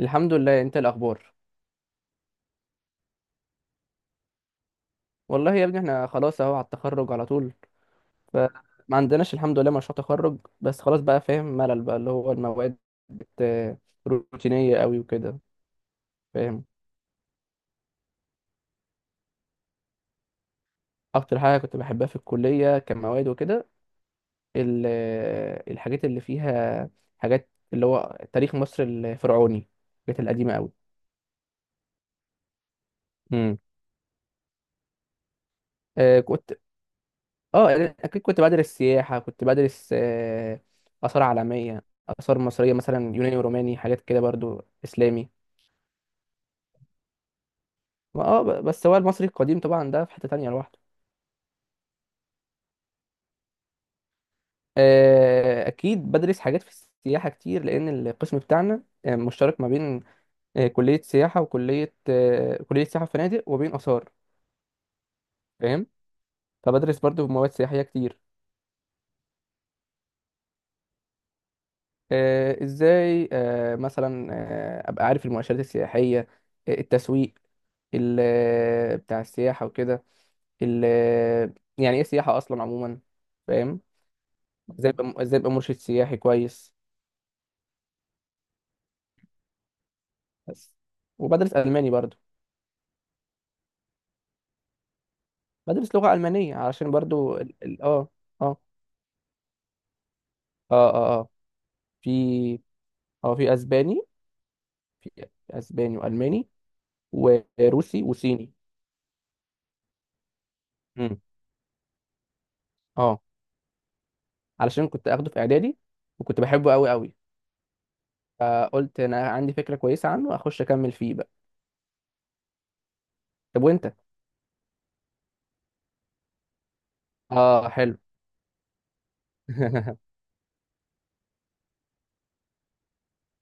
الحمد لله، انت إيه الاخبار؟ والله يا ابني احنا خلاص اهو على التخرج على طول. فما عندناش الحمد لله مشروع تخرج، بس خلاص بقى فاهم، ملل بقى اللي هو المواد بت... روتينية قوي وكده. فاهم. اكتر حاجة كنت بحبها في الكلية كمواد وكده، ال... الحاجات اللي فيها، حاجات اللي هو تاريخ مصر الفرعوني، الحاجات القديمة قوي. امم آه كنت اه اكيد كنت بدرس سياحه، كنت بدرس اثار عالميه، اثار مصريه مثلا يوناني وروماني حاجات كده برضو اسلامي. بس هو المصري القديم طبعا، ده في حته تانية لوحده. اكيد بدرس حاجات في السياحه كتير، لان القسم بتاعنا مشترك ما بين كليه سياحه وكليه آه، كليه سياحه وفنادق، وبين اثار. فاهم. فبدرس برضو مواد سياحيه كتير. ازاي مثلا ابقى عارف المؤشرات السياحيه، التسويق بتاع السياحه وكده. يعني ايه سياحه اصلا عموما. فاهم. ازاي ابقى مرشد سياحي كويس. بس. وبدرس الماني برضو. بدرس لغه المانيه علشان برضو اه. اه اه اه في اه في اسباني. في اسباني والماني وروسي وصيني. مم. اه، علشان كنت اخده في اعدادي، وكنت بحبه قوي قوي. فقلت انا عندي فكره كويسه عنه، اخش اكمل فيه بقى. طب وانت؟ اه حلو.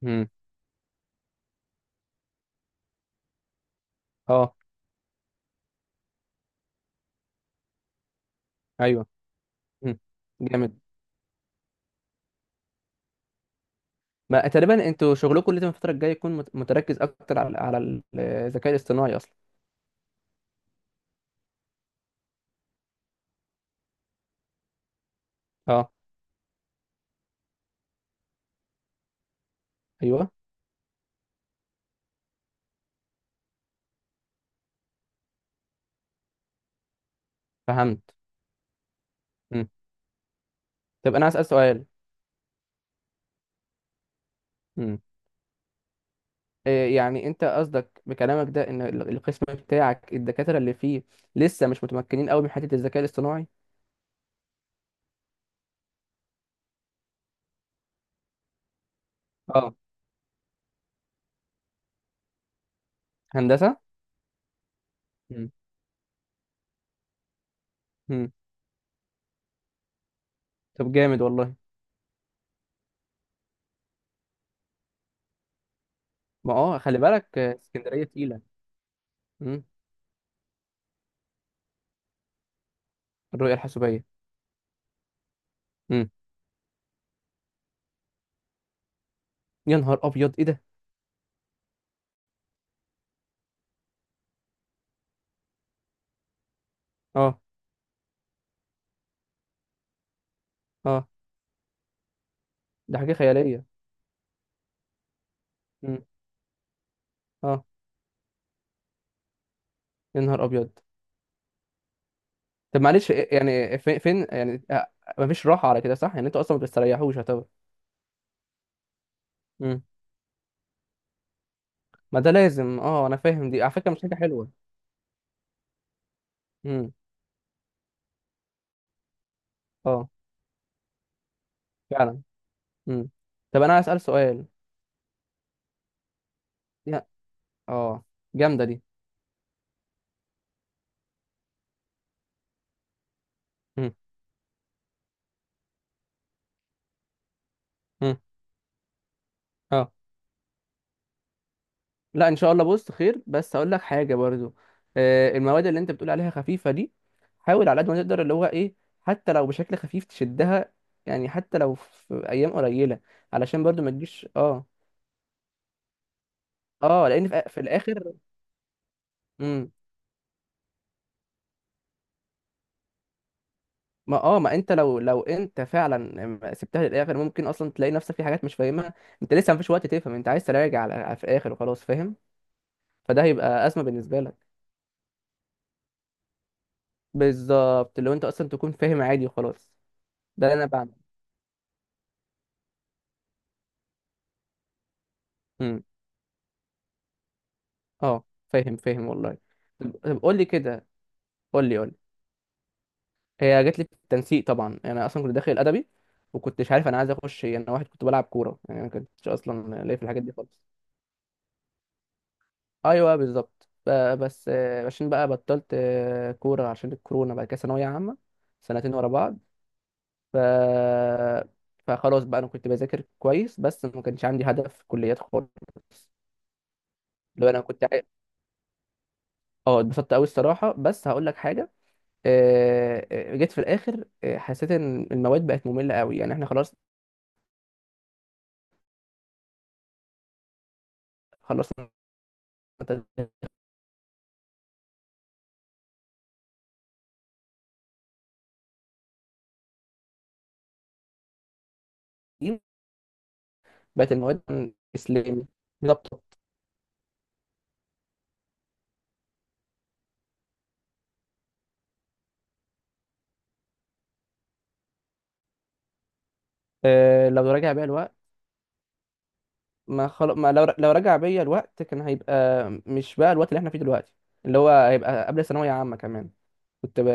مم. اه، ايوه. مم. جامد. ما تقريبا انتوا شغلكم لازم الفتره الجايه يكون متركز اكتر على الذكاء الاصطناعي اصلا. اه. ايوه. فهمت. مم. طب انا هسال سؤال. مم. إيه يعني انت قصدك بكلامك ده، ان القسم بتاعك، الدكاتره اللي فيه لسه مش متمكنين قوي من حته الذكاء الاصطناعي؟ اه. هندسه. مم. مم. طب جامد والله. ما خلي بالك، اسكندريه تقيله. مم. الرؤية الحاسوبية. مم. يا نهار أبيض إيه ده؟ أه. أه. ده حاجة خيالية. مم. أه. يا نهار أبيض. طب معلش، يعني فين يعني مفيش راحة على كده صح؟ يعني أنتوا أصلا ما بتستريحوش يعتبر. مم. ما ده لازم، أه، أنا فاهم، دي على فكرة مش حاجة حلوة. مم. أه، فعلا. مم. طب أنا عايز أسأل سؤال. يا- أه، جامدة دي. مم. مم. أه. لا، ان شاء الله بص خير، بس اقول لك حاجه برضو، المواد اللي انت بتقول عليها خفيفه دي، حاول على قد ما تقدر اللي هو ايه، حتى لو بشكل خفيف تشدها، يعني حتى لو في ايام قليله، علشان برضو ما تجيش اه، لان في الاخر. امم. ما انت لو انت فعلا ما سبتها للاخر، ممكن اصلا تلاقي نفسك في حاجات مش فاهمها، انت لسه مفيش وقت تفهم، انت عايز تراجع على في الاخر وخلاص فاهم. فده هيبقى ازمه بالنسبه لك. بالظبط. لو انت اصلا تكون فاهم عادي وخلاص. ده اللي انا بعمله. إمم. اه، فاهم فاهم والله. طب طب، قول لي كده. قول لي قول لي. هي جات لي في التنسيق طبعا، يعني انا اصلا كنت داخل ادبي، وكنتش عارف انا عايز اخش ايه. انا واحد كنت بلعب كوره، يعني انا ما كنتش اصلا ليا في الحاجات دي خالص. ايوه بالظبط. بس عشان بقى بطلت كوره عشان الكورونا، بعد كده ثانويه عامه، سنتين ورا بعض. ف فخلاص بقى انا كنت بذاكر كويس، بس ما كانش عندي هدف في الكليات خالص. لو انا كنت عاي- اه، اتبسطت قوي الصراحه، بس هقول لك حاجه. جيت في الاخر حسيت ان المواد بقت ممله قوي، يعني احنا خلاص، خلصنا. تدريب. بقت المواد. اسلامي. بالظبط. لو رجع بيا الوقت. ما خل... ما لو لو رجع بيا الوقت كان هيبقى، مش بقى الوقت اللي احنا فيه دلوقتي، اللي هو هيبقى قبل ثانويه عامه كمان. كنت ب...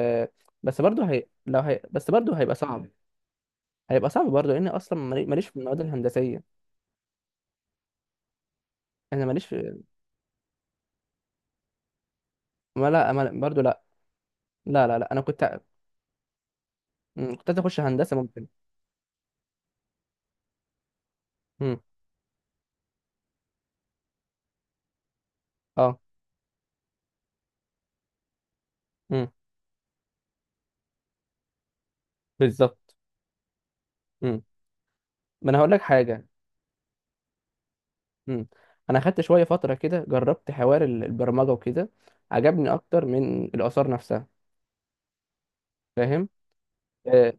بس برضه هي... لو هي... بس برضه هيبقى صعب. هيبقى صعب برضه، لان اصلا ماليش في المواد الهندسيه. انا ماليش في ما لا ما... برضه لا. لا، لا، لا، انا كنت. مم، كنت عايز اخش هندسه ممكن. مم. اه، بالظبط. مم. ما انا هقول لك حاجه. مم. انا خدت شويه فتره كده، جربت حوار البرمجه وكده، عجبني اكتر من الاثار نفسها. فاهم. آه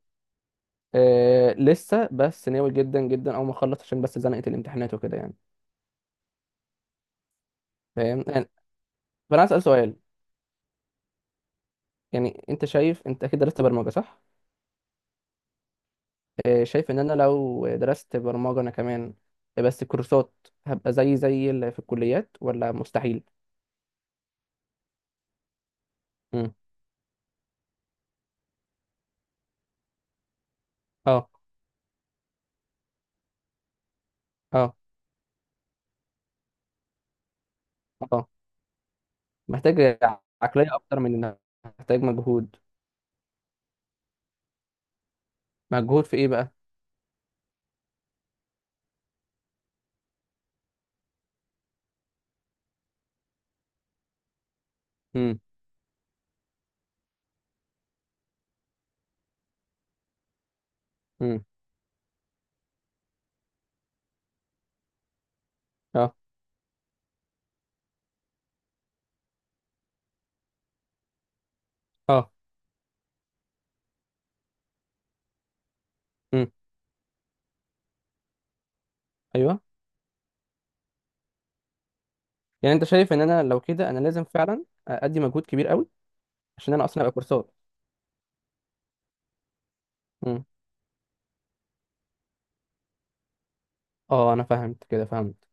لسه، بس ناوي جدا جدا، اول ما اخلص، عشان بس زنقه الامتحانات وكده يعني. فاهم يعني. فانا عايز اسال سؤال. يعني انت شايف، انت اكيد درست برمجه صح؟ شايف ان انا لو درست برمجه، انا كمان، بس كورسات، هبقى زي اللي في الكليات ولا مستحيل؟ مم. اه. اه. اه. محتاج عقلية أكتر من إنها محتاج مجهود. مجهود في إيه بقى؟ امم. امم. أه. أه. امم. أيوه. يعني أنت شايف إن أنا لو كده، أنا لازم فعلا أدي مجهود كبير قوي؟ عشان أنا أصلا أبقى كورسات. امم. أه، أنا فهمت كده، فهمت.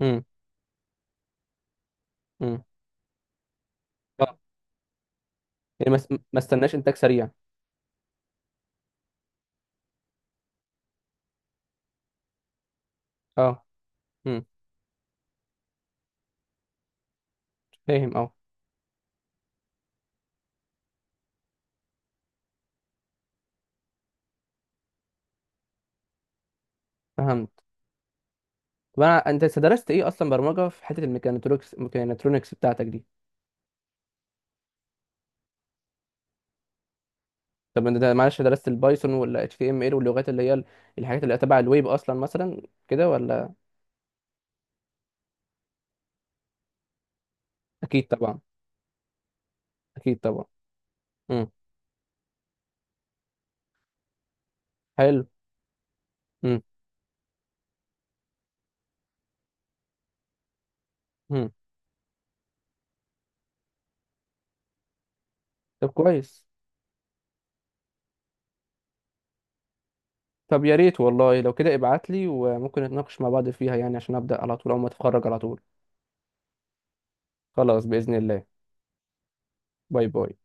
امم. امم. أه. يعني ما استناش إنتاج سريع. أه. امم، فاهم. أه، فهمت. طب، أنت درست إيه أصلا برمجة في حتة الميكانترونكس بتاعتك دي؟ طب انت معلش، درست البايثون ولا HTML واللغات اللي هي الحاجات اللي تبع الويب اصلا مثلا، كده ولا؟ اكيد طبعا. اكيد طبعا. امم. حلو. امم. امم. طب كويس. طب يا ريت والله، لو كده ابعت لي وممكن نتناقش مع بعض فيها يعني، عشان ابدا على طول او ما اتخرج على طول. خلاص، باذن الله. باي باي.